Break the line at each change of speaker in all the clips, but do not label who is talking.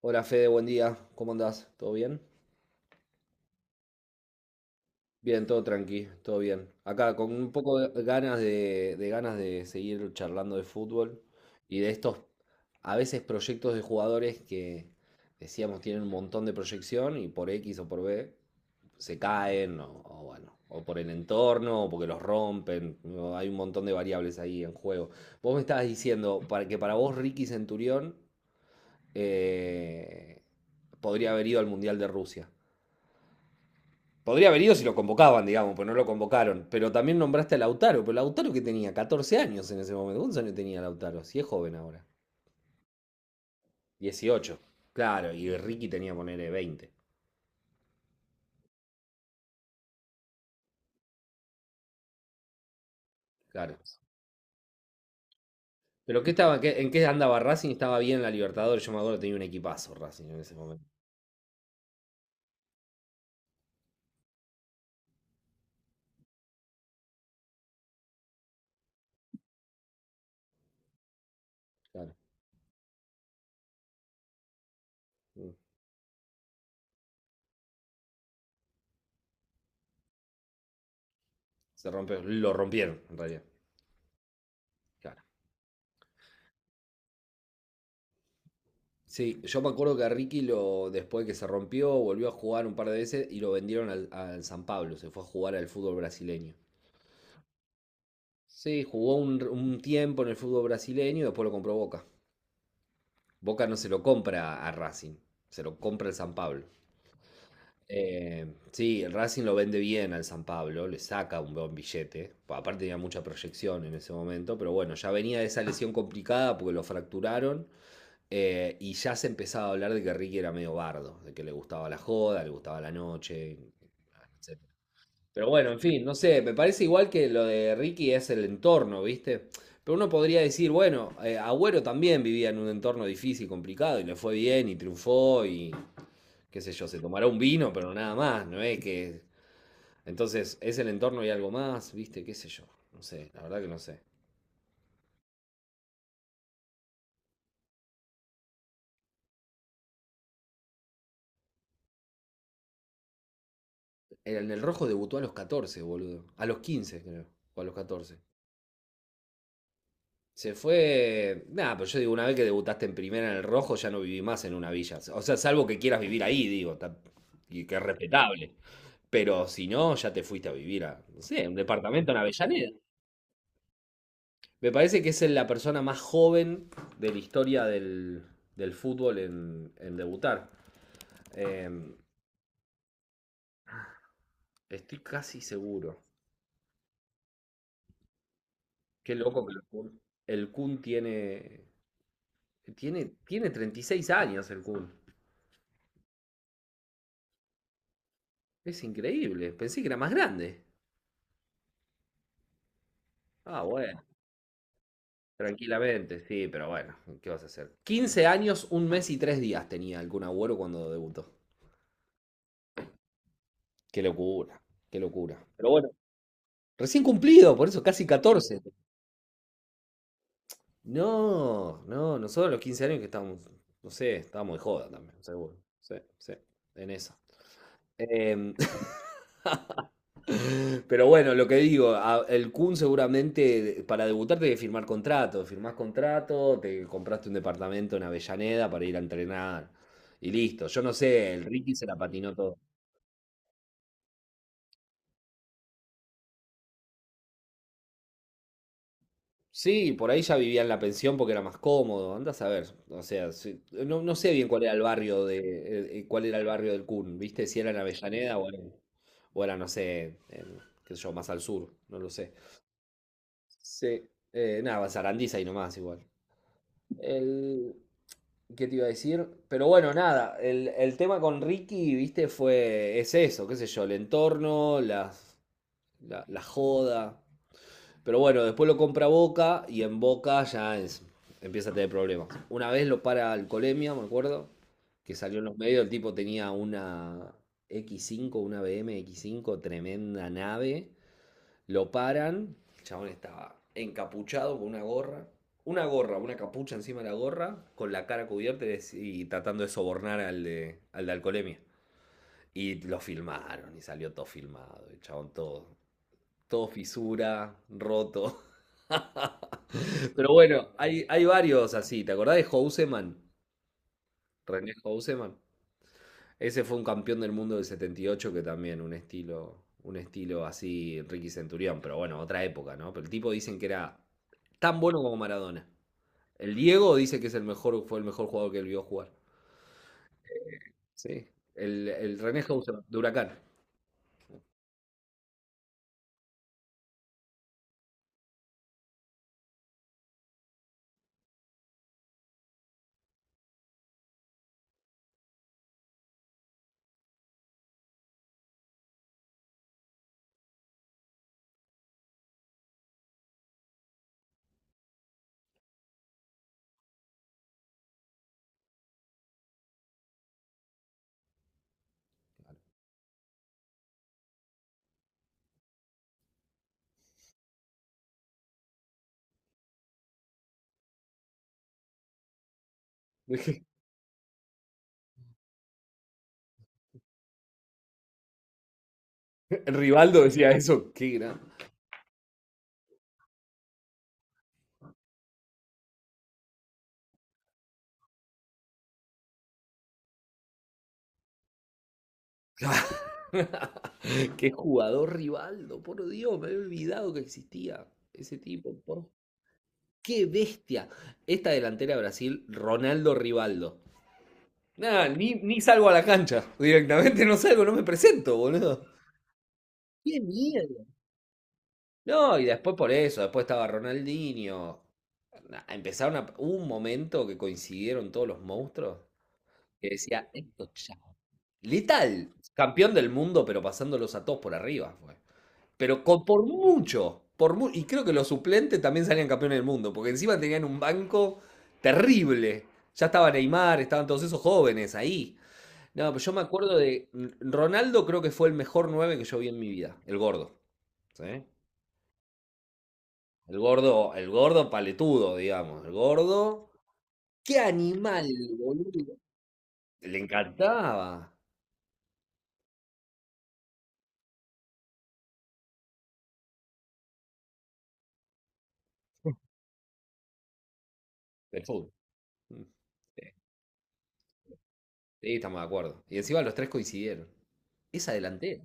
Hola Fede, buen día. ¿Cómo andás? ¿Todo bien? Bien, todo tranqui, todo bien. Acá con un poco de ganas de seguir charlando de fútbol y de estos a veces proyectos de jugadores que decíamos tienen un montón de proyección y por X o por B se caen o bueno, o por el entorno o porque los rompen. No, hay un montón de variables ahí en juego. Vos me estabas diciendo para vos Ricky Centurión eh, podría haber ido al Mundial de Rusia. Podría haber ido si lo convocaban, digamos, pero no lo convocaron. Pero también nombraste a Lautaro, pero Lautaro que tenía 14 años en ese momento. ¿Cuántos años tenía Lautaro? Si es joven ahora. 18. Claro, y Ricky tenía, ponerle 20. Claro. ¿Pero qué estaba, qué- en qué andaba Racing? Estaba bien en la Libertadores. Yo me acuerdo que tenía un equipazo Racing en ese momento. Claro. Mm. Se rompió, lo rompieron en realidad. Claro. Sí, yo me acuerdo que a Ricky lo, después que se rompió, volvió a jugar un par de veces y lo vendieron al San Pablo. Se fue a jugar al fútbol brasileño. Sí, jugó un tiempo en el fútbol brasileño y después lo compró Boca. Boca no se lo compra a Racing, se lo compra el San Pablo. Eh, sí, el Racing lo vende bien al San Pablo, le saca un buen billete. Pa- Aparte tenía mucha proyección en ese momento, pero bueno, ya venía de esa lesión complicada porque lo fracturaron, y ya se empezaba a hablar de que Ricky era medio bardo, de que le gustaba la joda, le gustaba la noche, etc. Pero bueno, en fin, no sé, me parece igual que lo de Ricky es el entorno, ¿viste? Pero uno podría decir, bueno, Agüero también vivía en un entorno difícil, complicado, y le fue bien y triunfó y qué sé yo, se tomará un vino, pero nada más, ¿no es que... Entonces, es el entorno y algo más, ¿viste? ¿Qué sé yo? No sé, la verdad que no sé. En el rojo debutó a los 14, boludo. A los 15 creo. O a los 14. Se fue. Nada, pero yo digo, una vez que debutaste en primera en el rojo, ya no viví más en una villa. O sea, salvo que quieras vivir ahí, digo, ta- y que es respetable. Pero si no, ya te fuiste a vivir a, no sé, un departamento en Avellaneda. Me parece que es la persona más joven de la historia del fútbol en debutar. Eh, estoy casi seguro. Qué loco que el Kun tiene, tiene 36 años el Kun. Es increíble. Pensé que era más grande. Ah, bueno. Tranquilamente, sí, pero bueno, ¿qué vas a hacer? 15 años, un mes y tres días tenía el Kun Agüero cuando debutó. Qué locura, qué locura. Pero bueno, recién cumplido, por eso casi 14. No, no, nosotros a los 15 años que estábamos, no sé, estábamos de joda también, seguro. Sí, sí, en esa. Em, Pero bueno, lo que digo, a- el Kun seguramente de- para debutar tenés que firmar contrato. Firmás contrato, te compraste un departamento en Avellaneda para ir a entrenar y listo. Yo no sé, el Ricky se la patinó todo. Sí, por ahí ya vivía en la pensión porque era más cómodo. Andás a ver, o sea, sí, no, no sé bien cuál era el barrio de, cuál era el barrio del Kun, ¿viste? Si era en Avellaneda o era, en- o era, no sé, en, qué sé yo, más al sur, no lo sé. Sí, nada, Sarandí ahí nomás igual. El, ¿qué te iba a decir? Pero bueno, nada, el tema con Ricky, viste, fue, es eso, qué sé yo, el entorno, las, la joda. Pero bueno, después lo compra Boca y en Boca ya es- empieza a tener problemas. Una vez lo para Alcolemia, me acuerdo, que salió en los medios, el tipo tenía una x cinco, una BM x cinco, tremenda nave. Lo paran, el chabón estaba encapuchado con una gorra, una gorra, una capucha encima de la gorra, con la cara cubierta y tratando de sobornar al de alcoholemia. Y lo filmaron y salió todo filmado, el chabón todo, todo fisura, roto. Pero bueno, hay varios así, ¿te acordás de Houseman? René Houseman. Ese fue un campeón del mundo del 78 que también un estilo así Ricky Centurión, pero bueno, otra época, ¿no? Pero el tipo dicen que era tan bueno como Maradona. El Diego dice que es el mejor, fue el mejor jugador que él vio jugar. Sí. El René Hauser de Huracán. El Rivaldo decía eso, qué gran. Qué jugador Rivaldo, por Dios, me había olvidado que existía ese tipo, por qué bestia. Esta delantera de Brasil, Ronaldo Rivaldo. Nada, ni salgo a la cancha. Directamente no salgo, no me presento, boludo. ¡Qué mierda! No, y después por eso, después estaba Ronaldinho. Na- Empezaron a, hubo un momento que coincidieron todos los monstruos que decía, esto ya. Letal, campeón del mundo, pero pasándolos a todos por arriba, fue. Pero con- por mucho, por mu- y creo que los suplentes también salían campeones del mundo, porque encima tenían un banco terrible. Ya estaba Neymar, estaban todos esos jóvenes ahí. No, pero yo me acuerdo de Ronaldo, creo que fue el mejor 9 que yo vi en mi vida, el gordo, ¿sí? El gordo paletudo, digamos, el gordo. ¡Qué animal, boludo! Le encantaba el fútbol. Mm, sí, sí, estamos de acuerdo. Y encima los tres coincidieron. Esa delantera,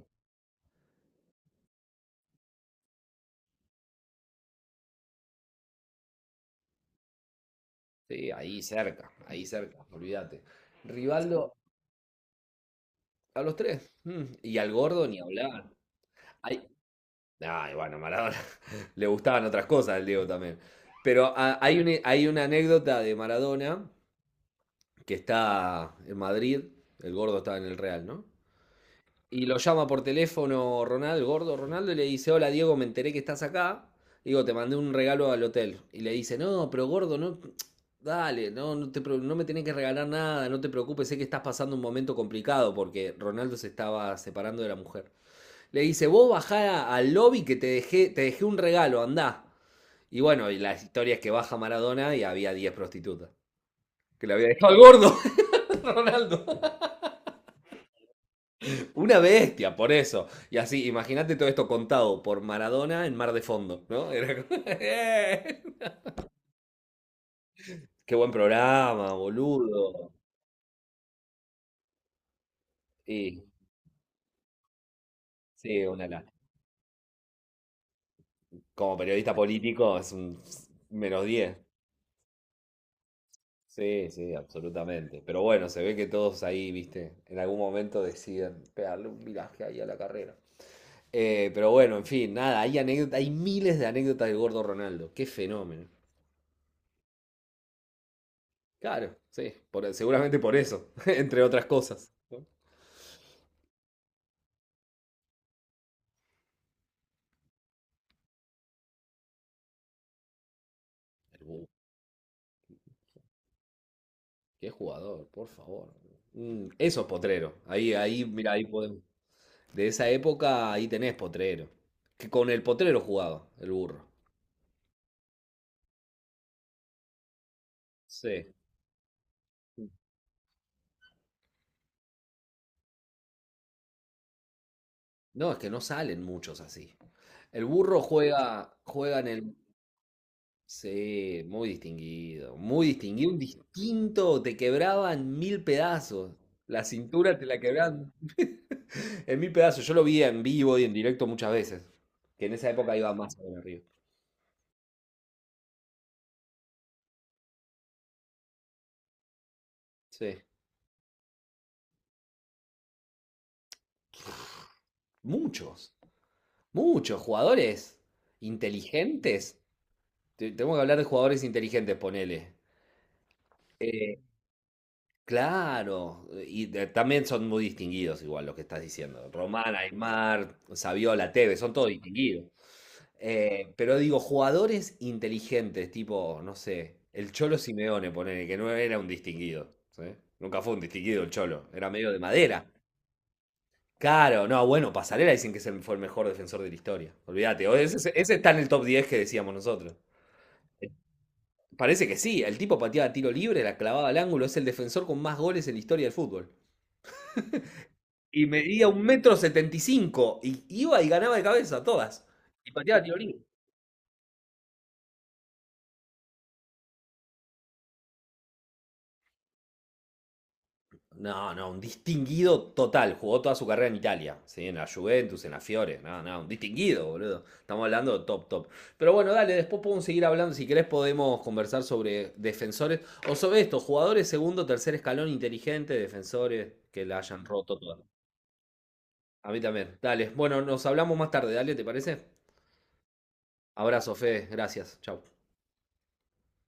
sí, ahí cerca, olvídate. Rivaldo a los tres, mm, y al gordo ni hablar. Hay, bueno, Maradona le gustaban otras cosas al Diego también. Pero hay una anécdota de Maradona que está en Madrid, el gordo estaba en el Real, ¿no? Y lo llama por teléfono Ronaldo, el gordo Ronaldo, y le dice, hola Diego, me enteré que estás acá. Digo, te mandé un regalo al hotel. Y le dice, no, pero gordo, no, dale, no, no, te pre- no me tenés que regalar nada, no te preocupes, sé que estás pasando un momento complicado porque Ronaldo se estaba separando de la mujer. Le dice, vos bajá al lobby que te dejé un regalo, andá. Y bueno, y la historia es que baja Maradona y había 10 prostitutas. Que le había dejado al gordo, Ronaldo. Una bestia, por eso. Y así, imagínate todo esto contado por Maradona en Mar de Fondo, ¿no? Era qué buen programa, boludo. Y sí, una la. Como periodista político es un menos diez. Sí, sí, absolutamente. Pero bueno, se ve que todos ahí, viste, en algún momento deciden pegarle un viraje ahí a la carrera. Pero bueno, en fin, nada, hay anécdota- hay miles de anécdotas del gordo Ronaldo. Qué fenómeno. Claro, sí, por- seguramente por eso, entre otras cosas. ¿No? El Bu, qué jugador, por favor. Mm, eso es Potrero. Ahí, ahí, mira, ahí podemos. De esa época, ahí tenés Potrero. Que con el Potrero jugaba, el burro. Sí. No, es que no salen muchos así. El burro juega, juega en el... Sí, muy distinguido, un distinto, te quebraban mil pedazos, la cintura te la quebraban en mil pedazos, yo lo vi en vivo y en directo muchas veces, que en esa época iba más a Boca River. Sí, muchos, muchos jugadores inteligentes, te- tenemos que hablar de jugadores inteligentes, ponele, claro, y de- también son muy distinguidos igual lo que estás diciendo. Román, Aymar, Saviola, Tevez, son todos distinguidos. Pero digo, jugadores inteligentes, tipo, no sé, el Cholo Simeone, ponele, que no era un distinguido, ¿sí? Nunca fue un distinguido el Cholo, era medio de madera. Claro, no, bueno, Pasarela dicen que se fue el mejor defensor de la historia. Olvídate, o ese está en el top 10 que decíamos nosotros. Parece que sí, el tipo pateaba tiro libre, la clavaba al ángulo, es el defensor con más goles en la historia del fútbol. Y medía un metro 75. Y iba y ganaba de cabeza todas. Y pateaba tiro libre. No, no, un distinguido total. Jugó toda su carrera en Italia. ¿Sí? En la Juventus, en la Fiore. No, no, un distinguido, boludo. Estamos hablando de top, top. Pero bueno, dale, después podemos seguir hablando. Si querés, podemos conversar sobre defensores. O sobre esto, jugadores segundo, tercer escalón, inteligentes, defensores que la hayan roto toda. A mí también. Dale. Bueno, nos hablamos más tarde. Dale, ¿te parece? Abrazo, Fede. Gracias. Chau.